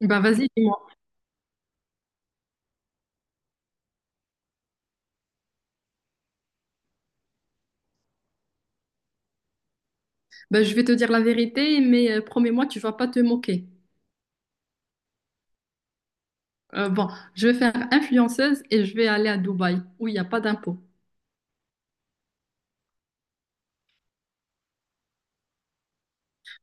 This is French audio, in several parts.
Bah vas-y, dis-moi. Bah, je vais te dire la vérité, mais promets-moi, tu vas pas te moquer. Euh, bon, je vais faire influenceuse et je vais aller à Dubaï, où il n'y a pas d'impôt.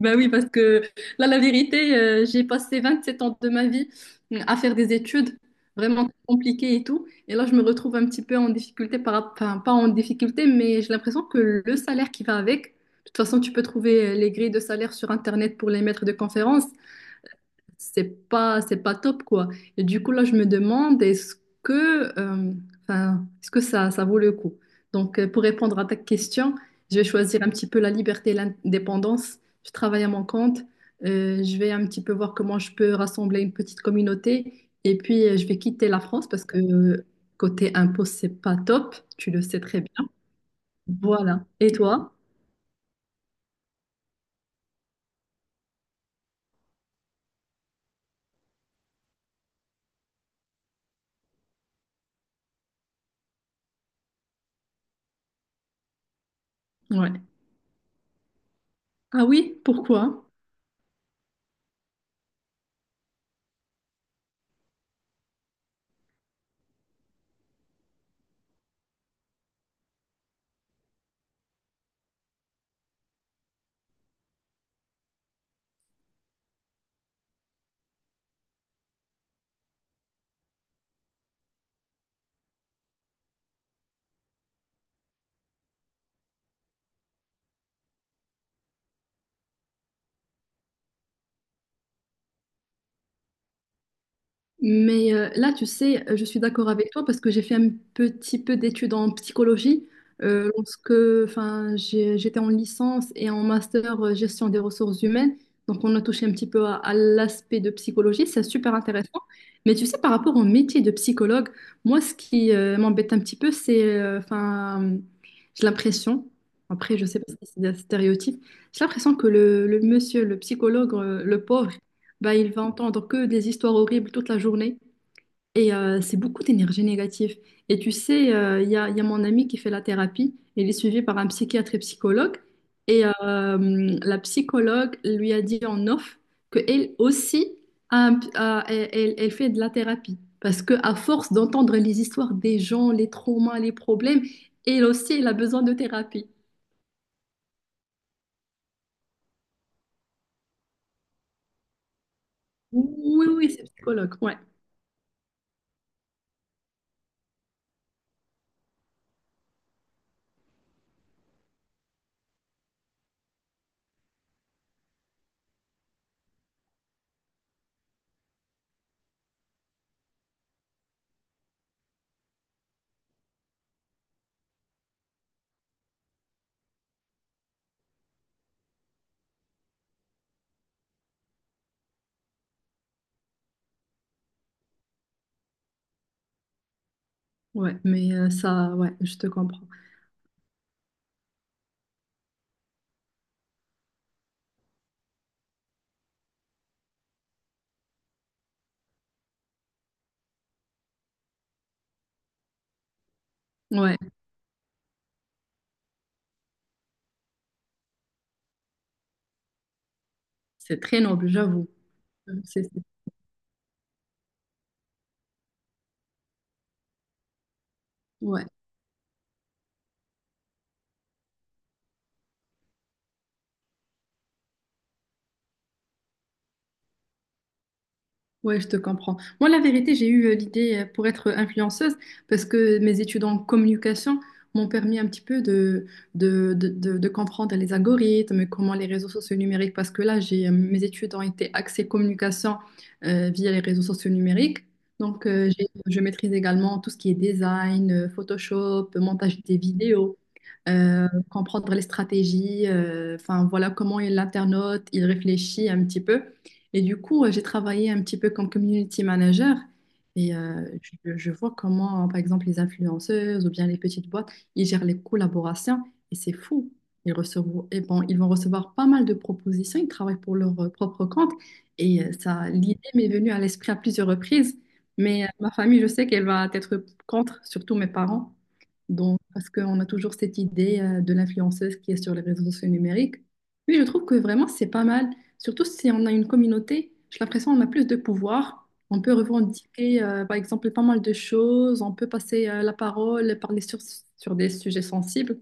Bah oui, parce que là, la vérité, j'ai passé 27 ans de ma vie à faire des études vraiment compliquées et tout. Et là, je me retrouve un petit peu en difficulté, enfin, pas en difficulté, mais j'ai l'impression que le salaire qui va avec, de toute façon, tu peux trouver les grilles de salaire sur Internet pour les maîtres de conférences. C'est pas top quoi. Et du coup là je me demande que euh, est-ce que ça vaut le coup? Donc pour répondre à ta question, je vais choisir un petit peu la liberté et l'indépendance. Je travaille à mon compte, je vais un petit peu voir comment je peux rassembler une petite communauté et puis je vais quitter la France parce que côté impôt c'est pas top, tu le sais très bien. Voilà. Et toi? Ouais. Ah oui, pourquoi? Mais là, tu sais, je suis d'accord avec toi parce que j'ai fait un petit peu d'études en psychologie euh, lorsque j'étais en licence et en master gestion des ressources humaines. Donc, on a touché un petit peu à l'aspect de psychologie. C'est super intéressant. Mais tu sais, par rapport au métier de psychologue, moi, ce qui m'embête un petit peu, j'ai l'impression, après, je sais pas si c'est des stéréotypes, j'ai l'impression que le monsieur, le psychologue, le pauvre, bah, il va entendre que des histoires horribles toute la journée. Et c'est beaucoup d'énergie négative. Et tu sais, il y a mon ami qui fait la thérapie. Il est suivi par un psychiatre et psychologue. Et la psychologue lui a dit en off qu'elle aussi, a un p- a- elle, elle- elle fait de la thérapie. Parce qu'à force d'entendre les histoires des gens, les traumas, les problèmes, elle aussi, elle a besoin de thérapie. Oui, oui, oui, c'est psychologue. Ouais, ouais. Mais ça, ouais, je te comprends. Ouais, c'est très noble, j'avoue. C'est ça. Ouais, ouais, je te comprends. Moi, la vérité, j'ai eu l'idée pour être influenceuse parce que mes études en communication m'ont permis un petit peu de comprendre les algorithmes, comment les réseaux sociaux numériques, parce que là, mes études ont été axées communication via les réseaux sociaux numériques. Donc, je maîtrise également tout ce qui est design, Photoshop, montage des vidéos. Comprendre les stratégies, enfin voilà comment l'internaute, il réfléchit un petit peu. Et du coup, j'ai travaillé un petit peu comme community manager et je vois comment, par exemple, les influenceuses ou bien les petites boîtes, ils gèrent les collaborations et c'est fou. Ils recevront, et bon, ils vont recevoir pas mal de propositions, ils travaillent pour leur propre compte et ça, l'idée m'est venue à l'esprit à plusieurs reprises, mais ma famille, je sais qu'elle va être contre, surtout mes parents, donc, parce qu'on a toujours cette idée de l'influenceuse qui est sur les réseaux sociaux numériques. Mais je trouve que vraiment, c'est pas mal. Surtout si on a une communauté, j'ai l'impression qu'on a plus de pouvoir. On peut revendiquer, par exemple, pas mal de choses. On peut passer la parole, parler sur des sujets sensibles.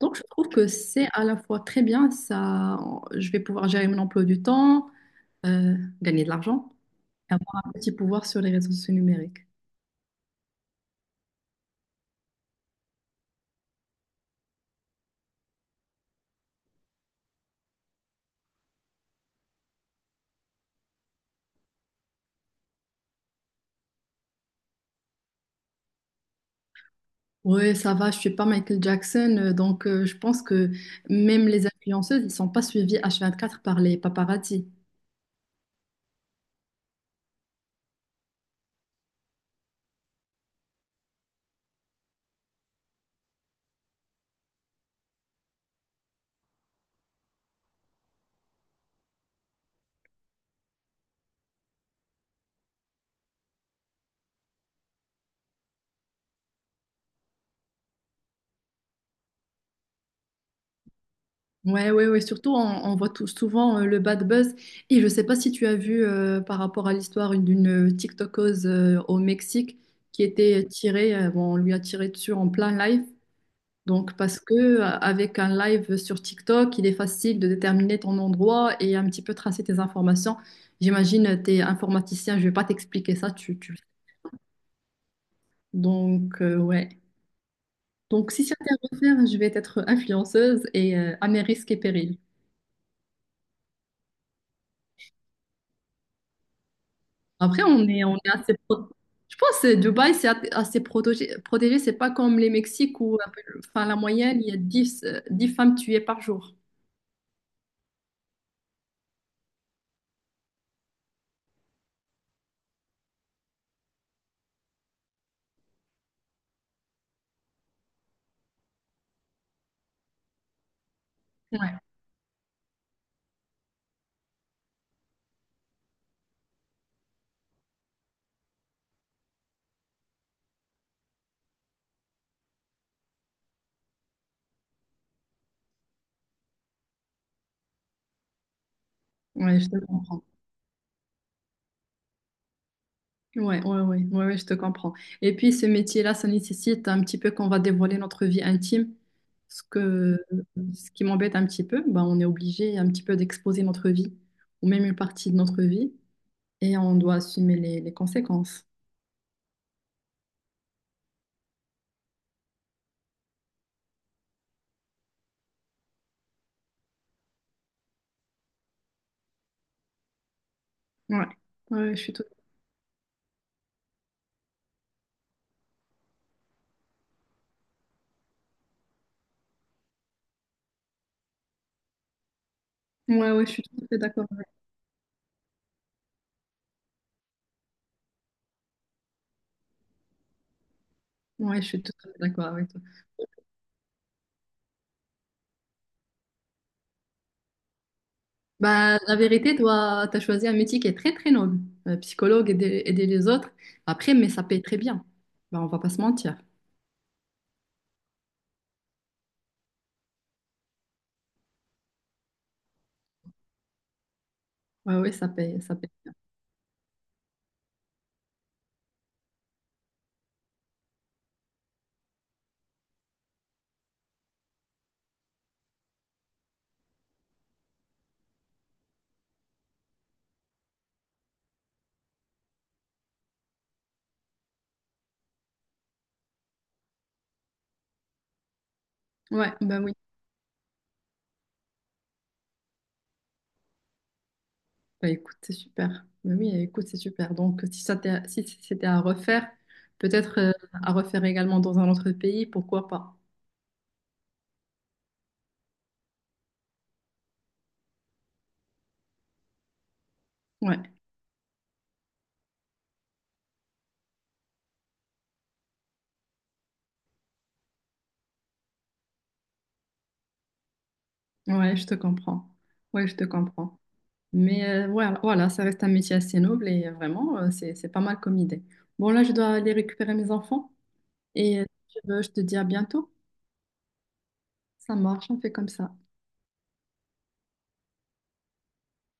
Donc, je trouve que c'est à la fois très bien, ça, je vais pouvoir gérer mon emploi du temps, euh, gagner de l'argent et avoir un petit pouvoir sur les réseaux sociaux numériques. Oui, ça va, je suis pas Michael Jackson, je pense que même les influenceuses, ils sont pas suivis H24 par les paparazzis. Ouais, ouais, ouais. Surtout, on voit tout, souvent le bad buzz. Et je sais pas si tu as vu par rapport à l'histoire d'une TikTokeuse au Mexique qui était tirée, bon, on lui a tiré dessus en plein live. Donc, parce que avec un live sur TikTok, il est facile de déterminer ton endroit et un petit peu tracer tes informations. J'imagine, tu es informaticien, je vais pas t'expliquer ça. Tu... Donc, ouais. Donc, si c'était à refaire, je vais être influenceuse et à mes risques et périls. On est assez Je pense que Dubaï, c'est assez protégé. C'est pas comme les Mexiques où, enfin, la moyenne, il y a 10 10 femmes tuées par jour. Ouais, ouais, je te comprends. Ouais, ouais, ouais, ouais, ouais, je te comprends. Et puis, ce métier-là, ça nécessite un petit peu qu'on va dévoiler notre vie intime. Ce que, Ce qui m'embête un petit peu, bah, on est obligé un petit peu d'exposer notre vie, ou même une partie de notre vie, et on doit assumer les conséquences. Ouais, ouais, je suis tout, ouais, ouais, je suis tout à fait d'accord. Ouais, je suis totalement d'accord avec toi. Bah, la vérité, toi, tu as choisi un métier qui est très, très noble. Psychologue, aider les autres. Après, mais ça paye très bien. Bah, on va pas se mentir. Ouais, ouais, ça paye. Ouais, bah oui. Bah, écoute, c'est super. Bah oui, écoute, c'est super. Donc, si ça t'est- si c'était à refaire, peut-être à refaire également dans un autre pays, pourquoi pas? Ouais, ouais, je te comprends. Ouais, je te comprends. Mais voilà, voilà, ça reste un métier assez noble et vraiment, c'est pas mal comme idée. Bon, là, je dois aller récupérer mes enfants. Et si tu veux, je te dis à bientôt. Ça marche, on fait comme ça.